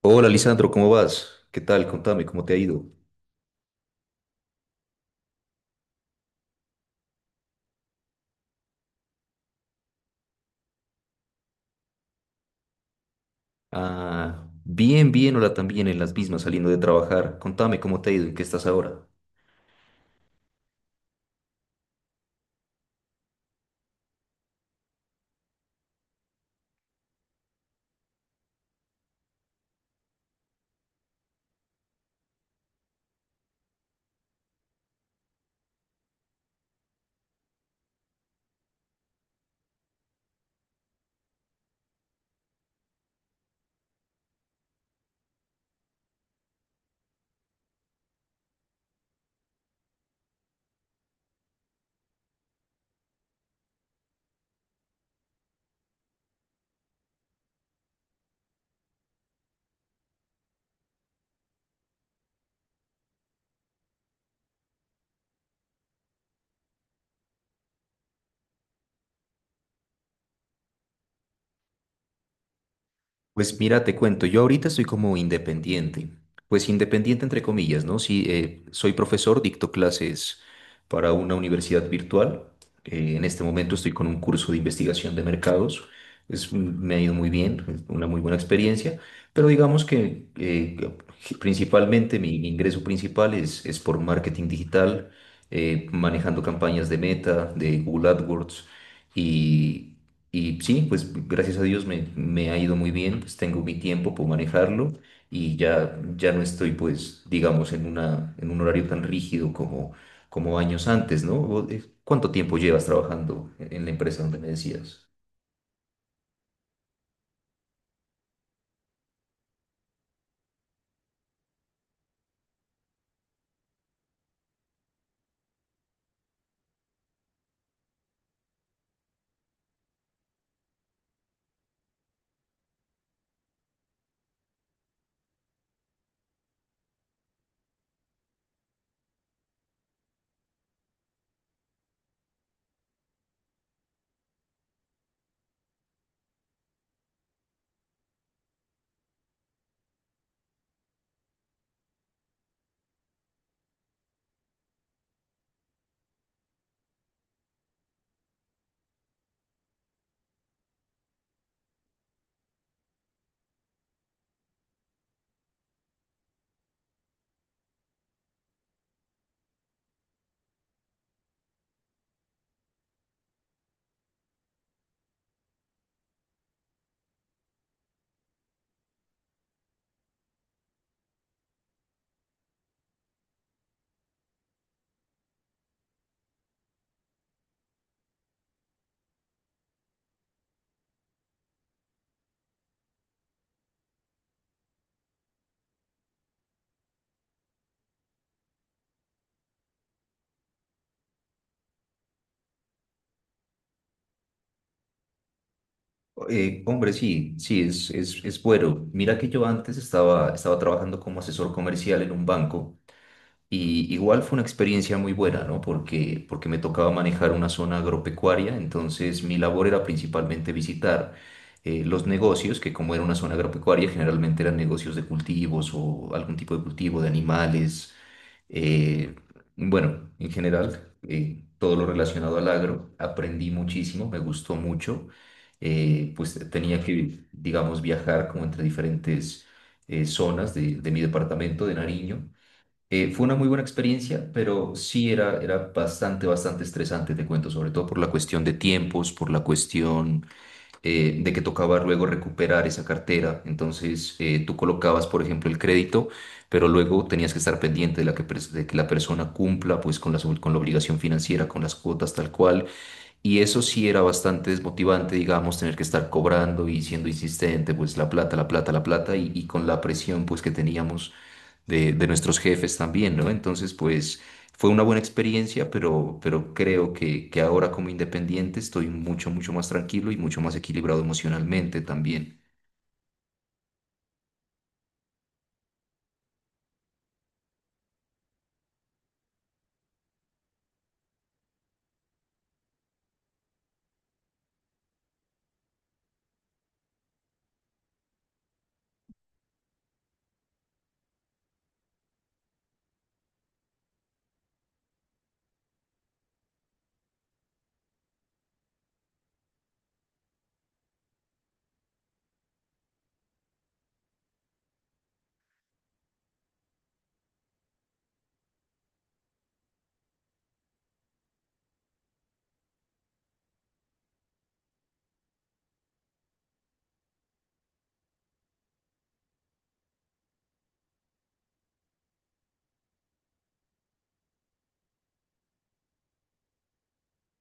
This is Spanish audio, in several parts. Hola Lisandro, ¿cómo vas? ¿Qué tal? Contame, ¿cómo te ha ido? Ah, bien, bien, hola también, en las mismas, saliendo de trabajar. Contame, ¿cómo te ha ido? ¿En qué estás ahora? Pues mira, te cuento, yo ahorita estoy como independiente, pues independiente entre comillas, ¿no? Sí, soy profesor, dicto clases para una universidad virtual. En este momento estoy con un curso de investigación de mercados. Me ha ido muy bien, es una muy buena experiencia, pero digamos que principalmente mi ingreso principal es por marketing digital, manejando campañas de Meta, de Google AdWords y y sí, pues gracias a Dios me ha ido muy bien, pues tengo mi tiempo, puedo manejarlo y ya no estoy pues, digamos, en en un horario tan rígido como, como años antes, ¿no? ¿Cuánto tiempo llevas trabajando en la empresa donde me decías? Hombre, sí, sí, es bueno. Mira que yo antes estaba trabajando como asesor comercial en un banco. Y igual fue una experiencia muy buena, ¿no? Porque me tocaba manejar una zona agropecuaria, entonces mi labor era principalmente visitar los negocios, que como era una zona agropecuaria, generalmente eran negocios de cultivos o algún tipo de cultivo de animales, eh, bueno, en general, todo lo relacionado al agro. Aprendí muchísimo, me gustó mucho, pues tenía que, digamos, viajar como entre diferentes zonas de mi departamento de Nariño. Fue una muy buena experiencia, pero sí era bastante, bastante estresante, te cuento, sobre todo por la cuestión de tiempos, por la cuestión de que tocaba luego recuperar esa cartera. Entonces, tú colocabas, por ejemplo, el crédito, pero luego tenías que estar pendiente de que la persona cumpla pues, con con la obligación financiera, con las cuotas tal cual, y eso sí era bastante desmotivante, digamos, tener que estar cobrando y siendo insistente, pues la plata, la plata, la plata, y con la presión, pues, que teníamos de nuestros jefes también, ¿no? Entonces, pues, fue una buena experiencia, pero creo que ahora como independiente estoy mucho, mucho más tranquilo y mucho más equilibrado emocionalmente también.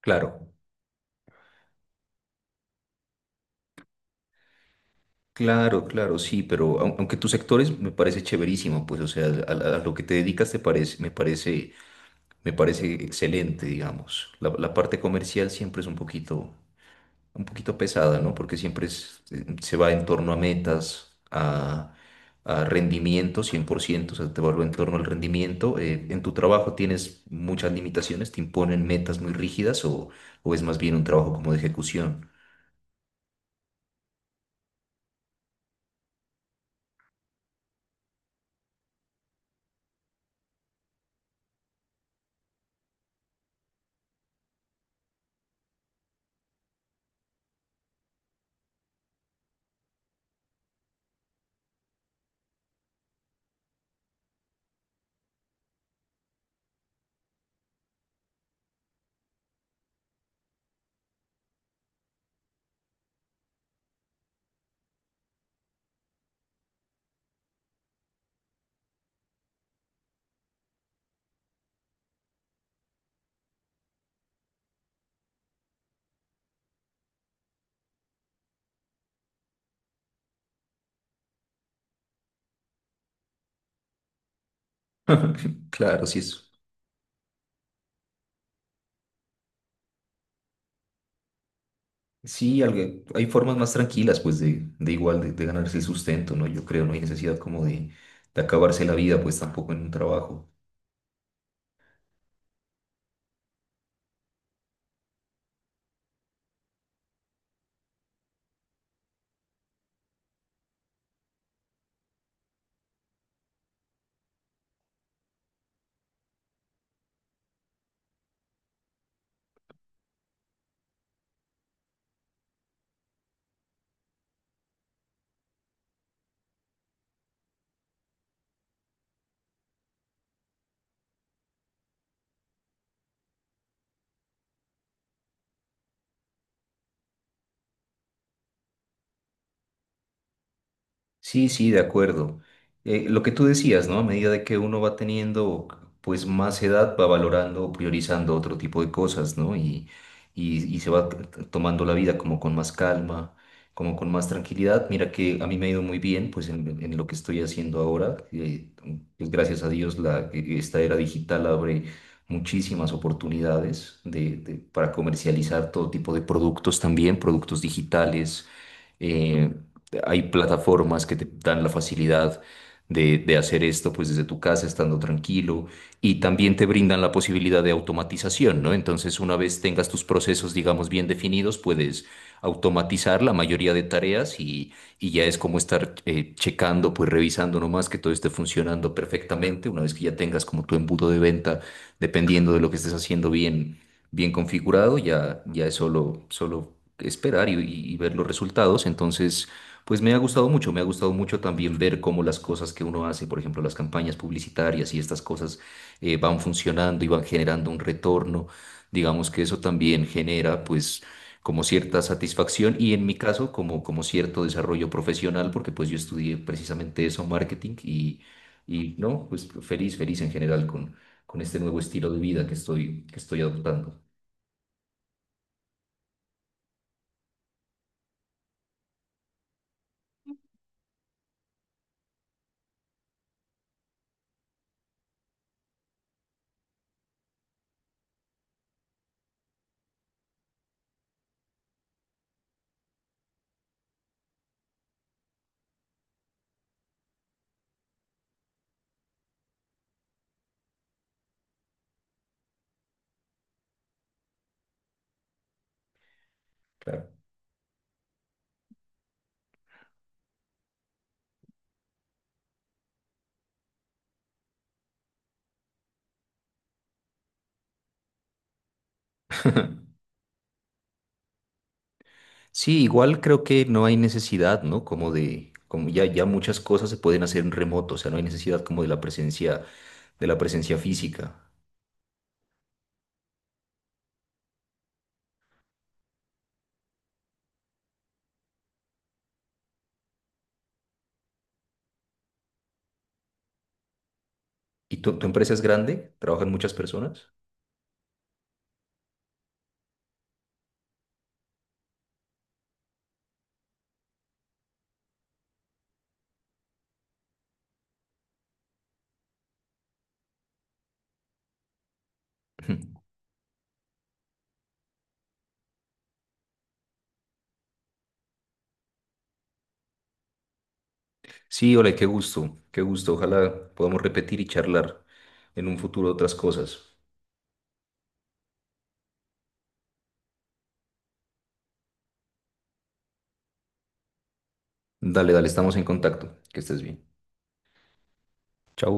Claro, claro, claro, sí, pero aunque tus sectores me parece chéverísimo, pues, o sea, a lo que te dedicas me parece. Me parece excelente, digamos. La parte comercial siempre es un poquito pesada, ¿no? Porque siempre se va en torno a metas, a rendimiento, 100%, o sea, te vuelve en torno al rendimiento. ¿En tu trabajo tienes muchas limitaciones? ¿Te imponen metas muy rígidas o es más bien un trabajo como de ejecución? Claro, sí es. Sí, hay formas más tranquilas, pues, de igual, de ganarse el sustento, ¿no? Yo creo, no hay necesidad como de acabarse la vida, pues, tampoco en un trabajo. Sí, sí, de acuerdo. Lo que tú decías, ¿no? A medida de que uno va teniendo pues más edad, va valorando, o priorizando otro tipo de cosas, ¿no? Y se va tomando la vida como con más calma, como con más tranquilidad. Mira que a mí me ha ido muy bien pues en lo que estoy haciendo ahora. Pues, gracias a Dios esta era digital abre muchísimas oportunidades para comercializar todo tipo de productos también, productos digitales. eh, Hay plataformas que te dan la facilidad de hacer esto pues desde tu casa, estando tranquilo, y también te brindan la posibilidad de automatización, ¿no? Entonces, una vez tengas tus procesos, digamos, bien definidos, puedes automatizar la mayoría de tareas y ya es como estar checando, pues revisando nomás que todo esté funcionando perfectamente, una vez que ya tengas como tu embudo de venta, dependiendo de lo que estés haciendo bien. Bien configurado, ya es solo esperar y ver los resultados. Entonces, pues me ha gustado mucho, me ha gustado mucho también ver cómo las cosas que uno hace, por ejemplo, las campañas publicitarias y estas cosas van funcionando y van generando un retorno. Digamos que eso también genera pues como cierta satisfacción y en mi caso como, como cierto desarrollo profesional, porque pues yo estudié precisamente eso, marketing, y no, pues feliz, feliz en general con este nuevo estilo de vida que estoy adoptando. Claro. Sí, igual creo que no hay necesidad, ¿no? Como de, como ya, ya muchas cosas se pueden hacer en remoto, o sea, no hay necesidad como de la presencia física. ¿Y tu empresa es grande? ¿Trabajan muchas personas? Sí, hola, qué gusto, qué gusto. Ojalá podamos repetir y charlar en un futuro otras cosas. Dale, dale, estamos en contacto. Que estés bien. Chao.